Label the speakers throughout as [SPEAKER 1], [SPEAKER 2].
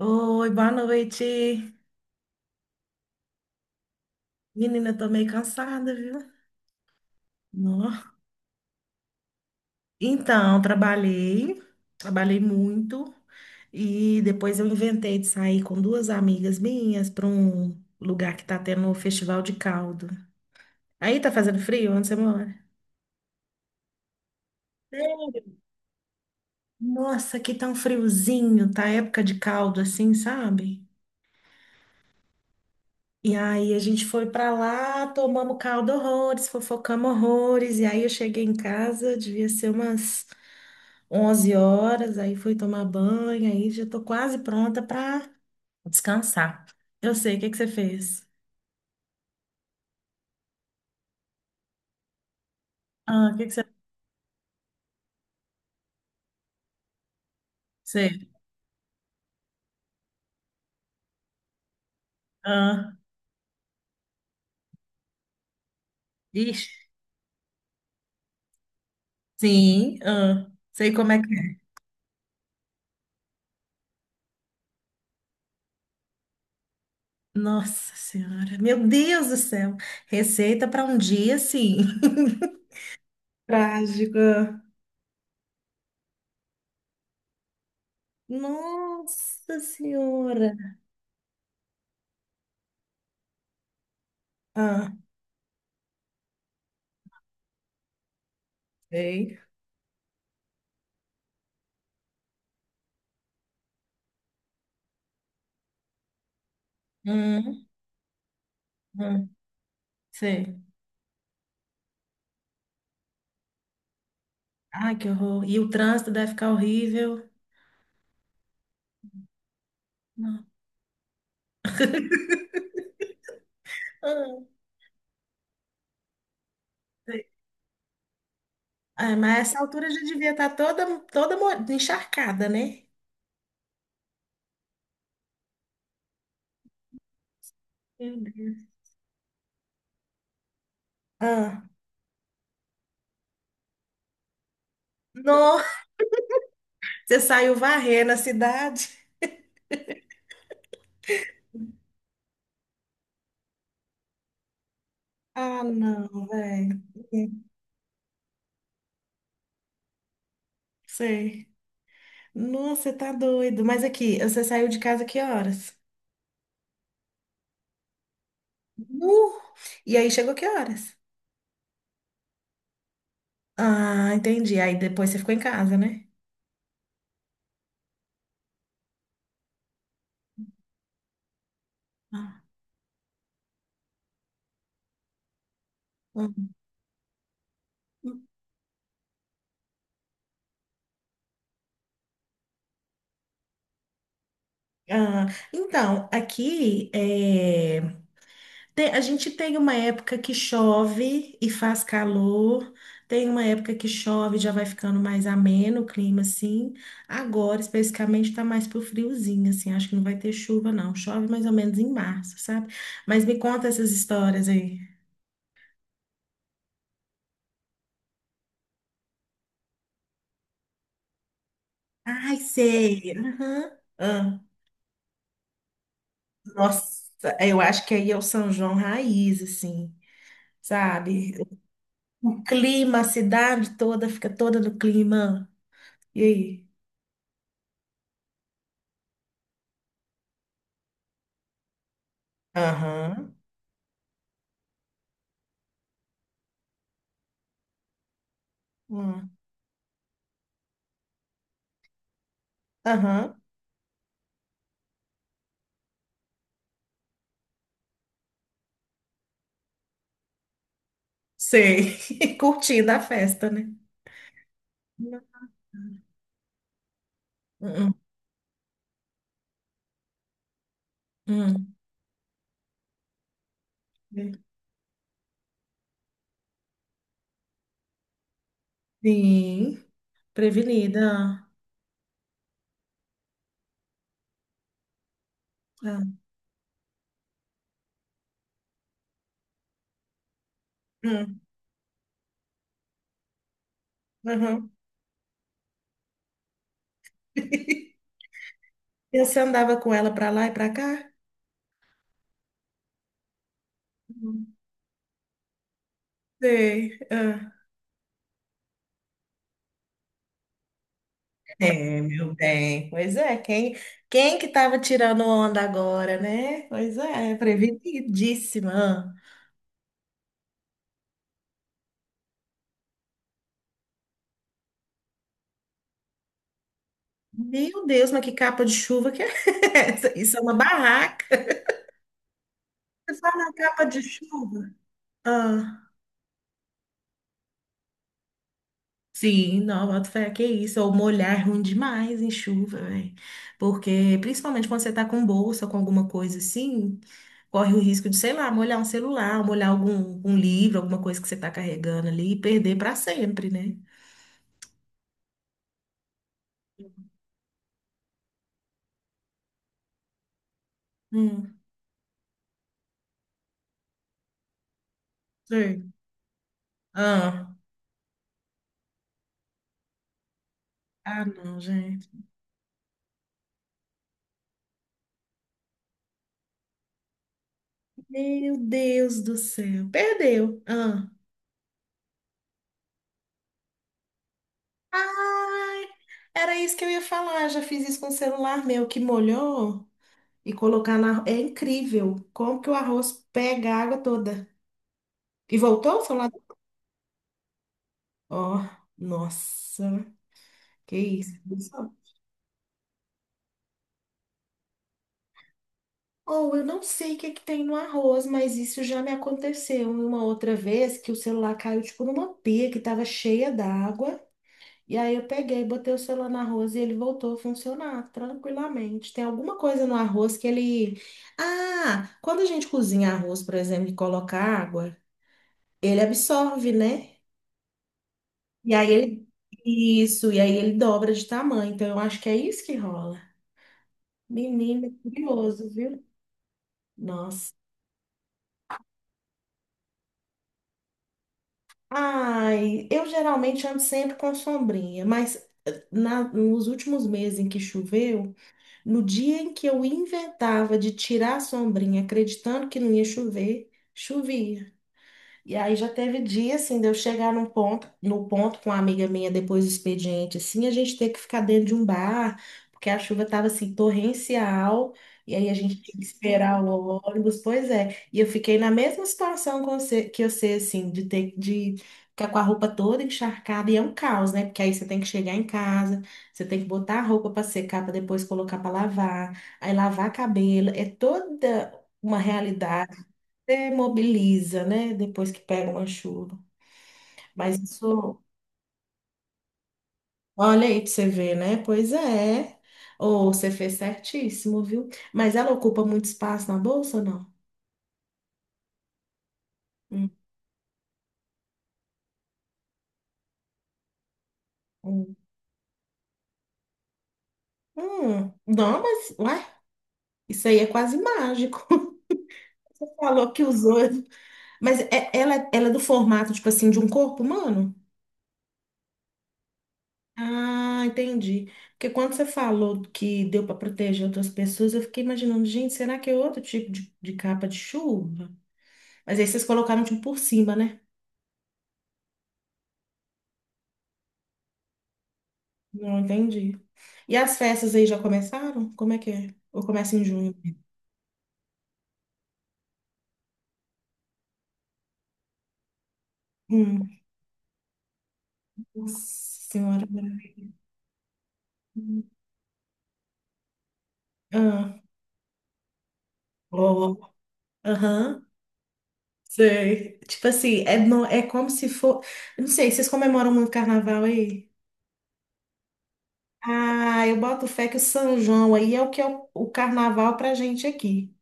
[SPEAKER 1] Oi, boa noite. Menina, tô meio cansada, viu? Nó. Então, trabalhei, trabalhei muito e depois eu inventei de sair com duas amigas minhas para um lugar que tá tendo o Festival de Caldo. Aí tá fazendo frio? Onde você mora? Sério? Nossa, aqui tá um friozinho, tá época de caldo assim, sabe? E aí a gente foi pra lá, tomamos caldo horrores, fofocamos horrores, e aí eu cheguei em casa, devia ser umas onze horas, aí fui tomar banho, aí já tô quase pronta para descansar. Eu sei, o que que você fez? Ah, o que que você fez? Ah, ixi, sim, ah, sei como é que é. Nossa Senhora, meu Deus do céu, receita para um dia assim. Trágica. Nossa Senhora. Ah, sei. Hum, hum, sei. Ai, que horror. E o trânsito deve ficar horrível. Não. Ah, ah, mas essa altura já devia estar toda, encharcada, né? Meu Deus. Ah, não, você saiu varrendo a cidade? Ah, não, velho. Sei. Nossa, você tá doido. Mas aqui, você saiu de casa que horas? Nu! E aí chegou que horas? Ah, entendi. Aí depois você ficou em casa, né? Ah, ah. Ah, então, aqui a gente tem uma época que chove e faz calor, tem uma época que chove e já vai ficando mais ameno o clima, assim. Agora, especificamente, tá mais pro friozinho, assim. Acho que não vai ter chuva, não. Chove mais ou menos em março, sabe? Mas me conta essas histórias aí. Ai, sei. Aham. Ah, nossa, eu acho que aí é o São João raiz, assim, sabe? O clima, a cidade toda fica toda no clima. E aí? Aham. Hum. Aham. Sei. Curtindo a festa, né? Não. Hum, hum, hum. Sim, prevenida. Ah, hum, aham. E você andava com ela para lá e para cá? Hum, Sei. Ah. É, meu bem. Pois é, quem, quem que estava tirando onda agora, né? Pois é, prevenidíssima. Meu Deus, mas que capa de chuva que é essa? Isso é uma barraca. Você fala capa de chuva? Ah. Sim, não, boto fé, que é isso. Ou molhar é ruim demais em chuva, velho. Porque, principalmente quando você tá com bolsa, com alguma coisa assim, corre o risco de, sei lá, molhar um celular, molhar algum, um livro, alguma coisa que você tá carregando ali e perder pra sempre, né? Hum. Sim. Ah, ah, não, gente. Meu Deus do céu. Perdeu. Ah. Ai, era isso que eu ia falar. Já fiz isso com o celular meu que molhou. E colocar na. É incrível como que o arroz pega a água toda. E voltou o celular? Ó, nossa, que isso. Ou eu não sei o que é que tem no arroz, mas isso já me aconteceu em uma outra vez que o celular caiu tipo numa pia que estava cheia d'água. E aí eu peguei, botei o celular no arroz e ele voltou a funcionar tranquilamente. Tem alguma coisa no arroz que ele. Ah, quando a gente cozinha arroz, por exemplo, e coloca água, ele absorve, né? E aí ele. Isso, e aí ele dobra de tamanho. Então eu acho que é isso que rola. Menino, é curioso, viu? Nossa. Ai, eu geralmente ando sempre com sombrinha, mas nos últimos meses em que choveu, no dia em que eu inventava de tirar a sombrinha, acreditando que não ia chover, chovia. E aí já teve dia, assim, de eu chegar num ponto, no ponto com uma amiga minha depois do expediente, assim, a gente ter que ficar dentro de um bar, porque a chuva tava, assim, torrencial, e aí a gente tinha que esperar o ônibus, pois é. E eu fiquei na mesma situação com que eu sei, assim, de ter, de ficar com a roupa toda encharcada, e é um caos, né? Porque aí você tem que chegar em casa, você tem que botar a roupa para secar, para depois colocar para lavar, aí lavar cabelo, é toda uma realidade. Demobiliza, né? Depois que pega uma chuva. Mas isso, olha aí para você ver, né? Pois é. Ou você fez certíssimo, viu? Mas ela ocupa muito espaço na bolsa, ou não? Hum, hum. Não, mas, ué, isso aí é quase mágico. Você falou que usou. Mas ela, ela é do formato, tipo assim, de um corpo humano? Ah, entendi. Porque quando você falou que deu para proteger outras pessoas, eu fiquei imaginando, gente, será que é outro tipo de capa de chuva? Mas aí vocês colocaram tipo por cima, né? Não entendi. E as festas aí já começaram? Como é que é? Ou começa em junho? Hum, nossa senhora, né? Ah, ó, aham, sei. Tipo assim, é, é como se for. Eu não sei, vocês comemoram muito carnaval aí? Ah, eu boto fé que o São João aí é o que é o carnaval pra gente aqui.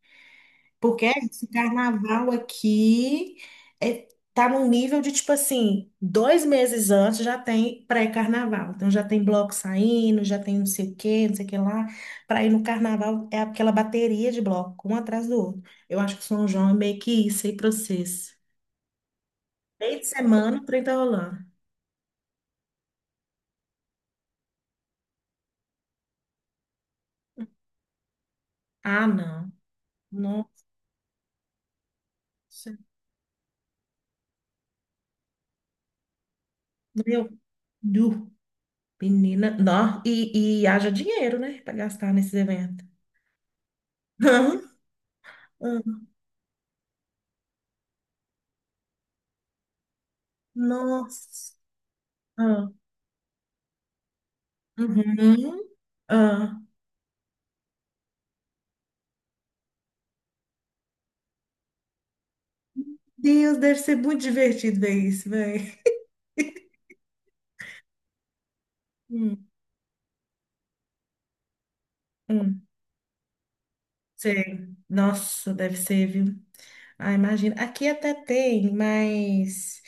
[SPEAKER 1] Porque esse carnaval aqui é, tá num nível de tipo assim, dois meses antes já tem pré-carnaval. Então já tem bloco saindo, já tem não sei o quê, não sei o que lá. Para ir no carnaval é aquela bateria de bloco, um atrás do outro. Eu acho que São João é meio que isso aí pra vocês. Meio de semana, 30 rolando. Ah, não. Nossa, meu, du, menina, não. E haja dinheiro, né, para gastar nesses eventos. Nossa. Uhum. Ah. Deus, deve ser muito divertido ver isso, velho. Hum, hum. Sei. Nossa, deve ser, viu? Ah, imagina. Aqui até tem, mas.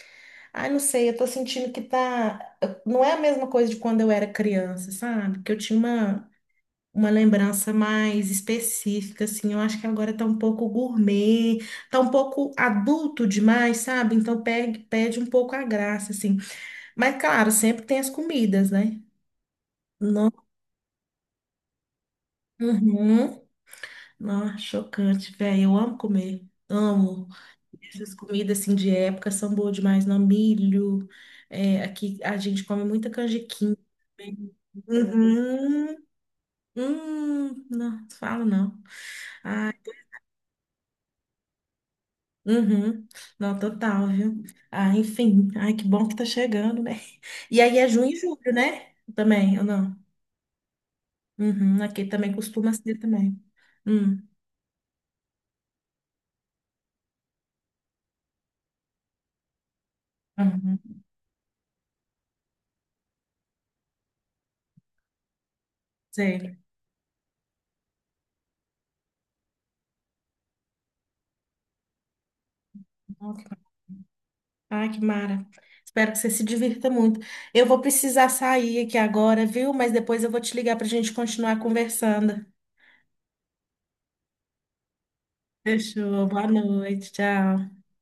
[SPEAKER 1] Ai, não sei, eu tô sentindo que tá. Não é a mesma coisa de quando eu era criança, sabe? Que eu tinha uma lembrança mais específica, assim. Eu acho que agora tá um pouco gourmet, tá um pouco adulto demais, sabe? Então perde, perde um pouco a graça, assim. Mas, claro, sempre tem as comidas, né? Não, uhum. Não, chocante, velho. Eu amo comer. Amo. Essas comidas assim de época são boas demais, não? Milho. É, aqui a gente come muita canjiquinha. Também. Uhum. Não, falo não. Ai, uhum. Não, total, viu? Ah, enfim. Ai, que bom que tá chegando, né? E aí é junho e julho, né? Também, ou não? Uhum. Aqui também costuma ser também. Hum. Uhum. Sei. Ai, que mara. Espero que você se divirta muito. Eu vou precisar sair aqui agora, viu? Mas depois eu vou te ligar para a gente continuar conversando. Fechou. Boa noite. Tchau.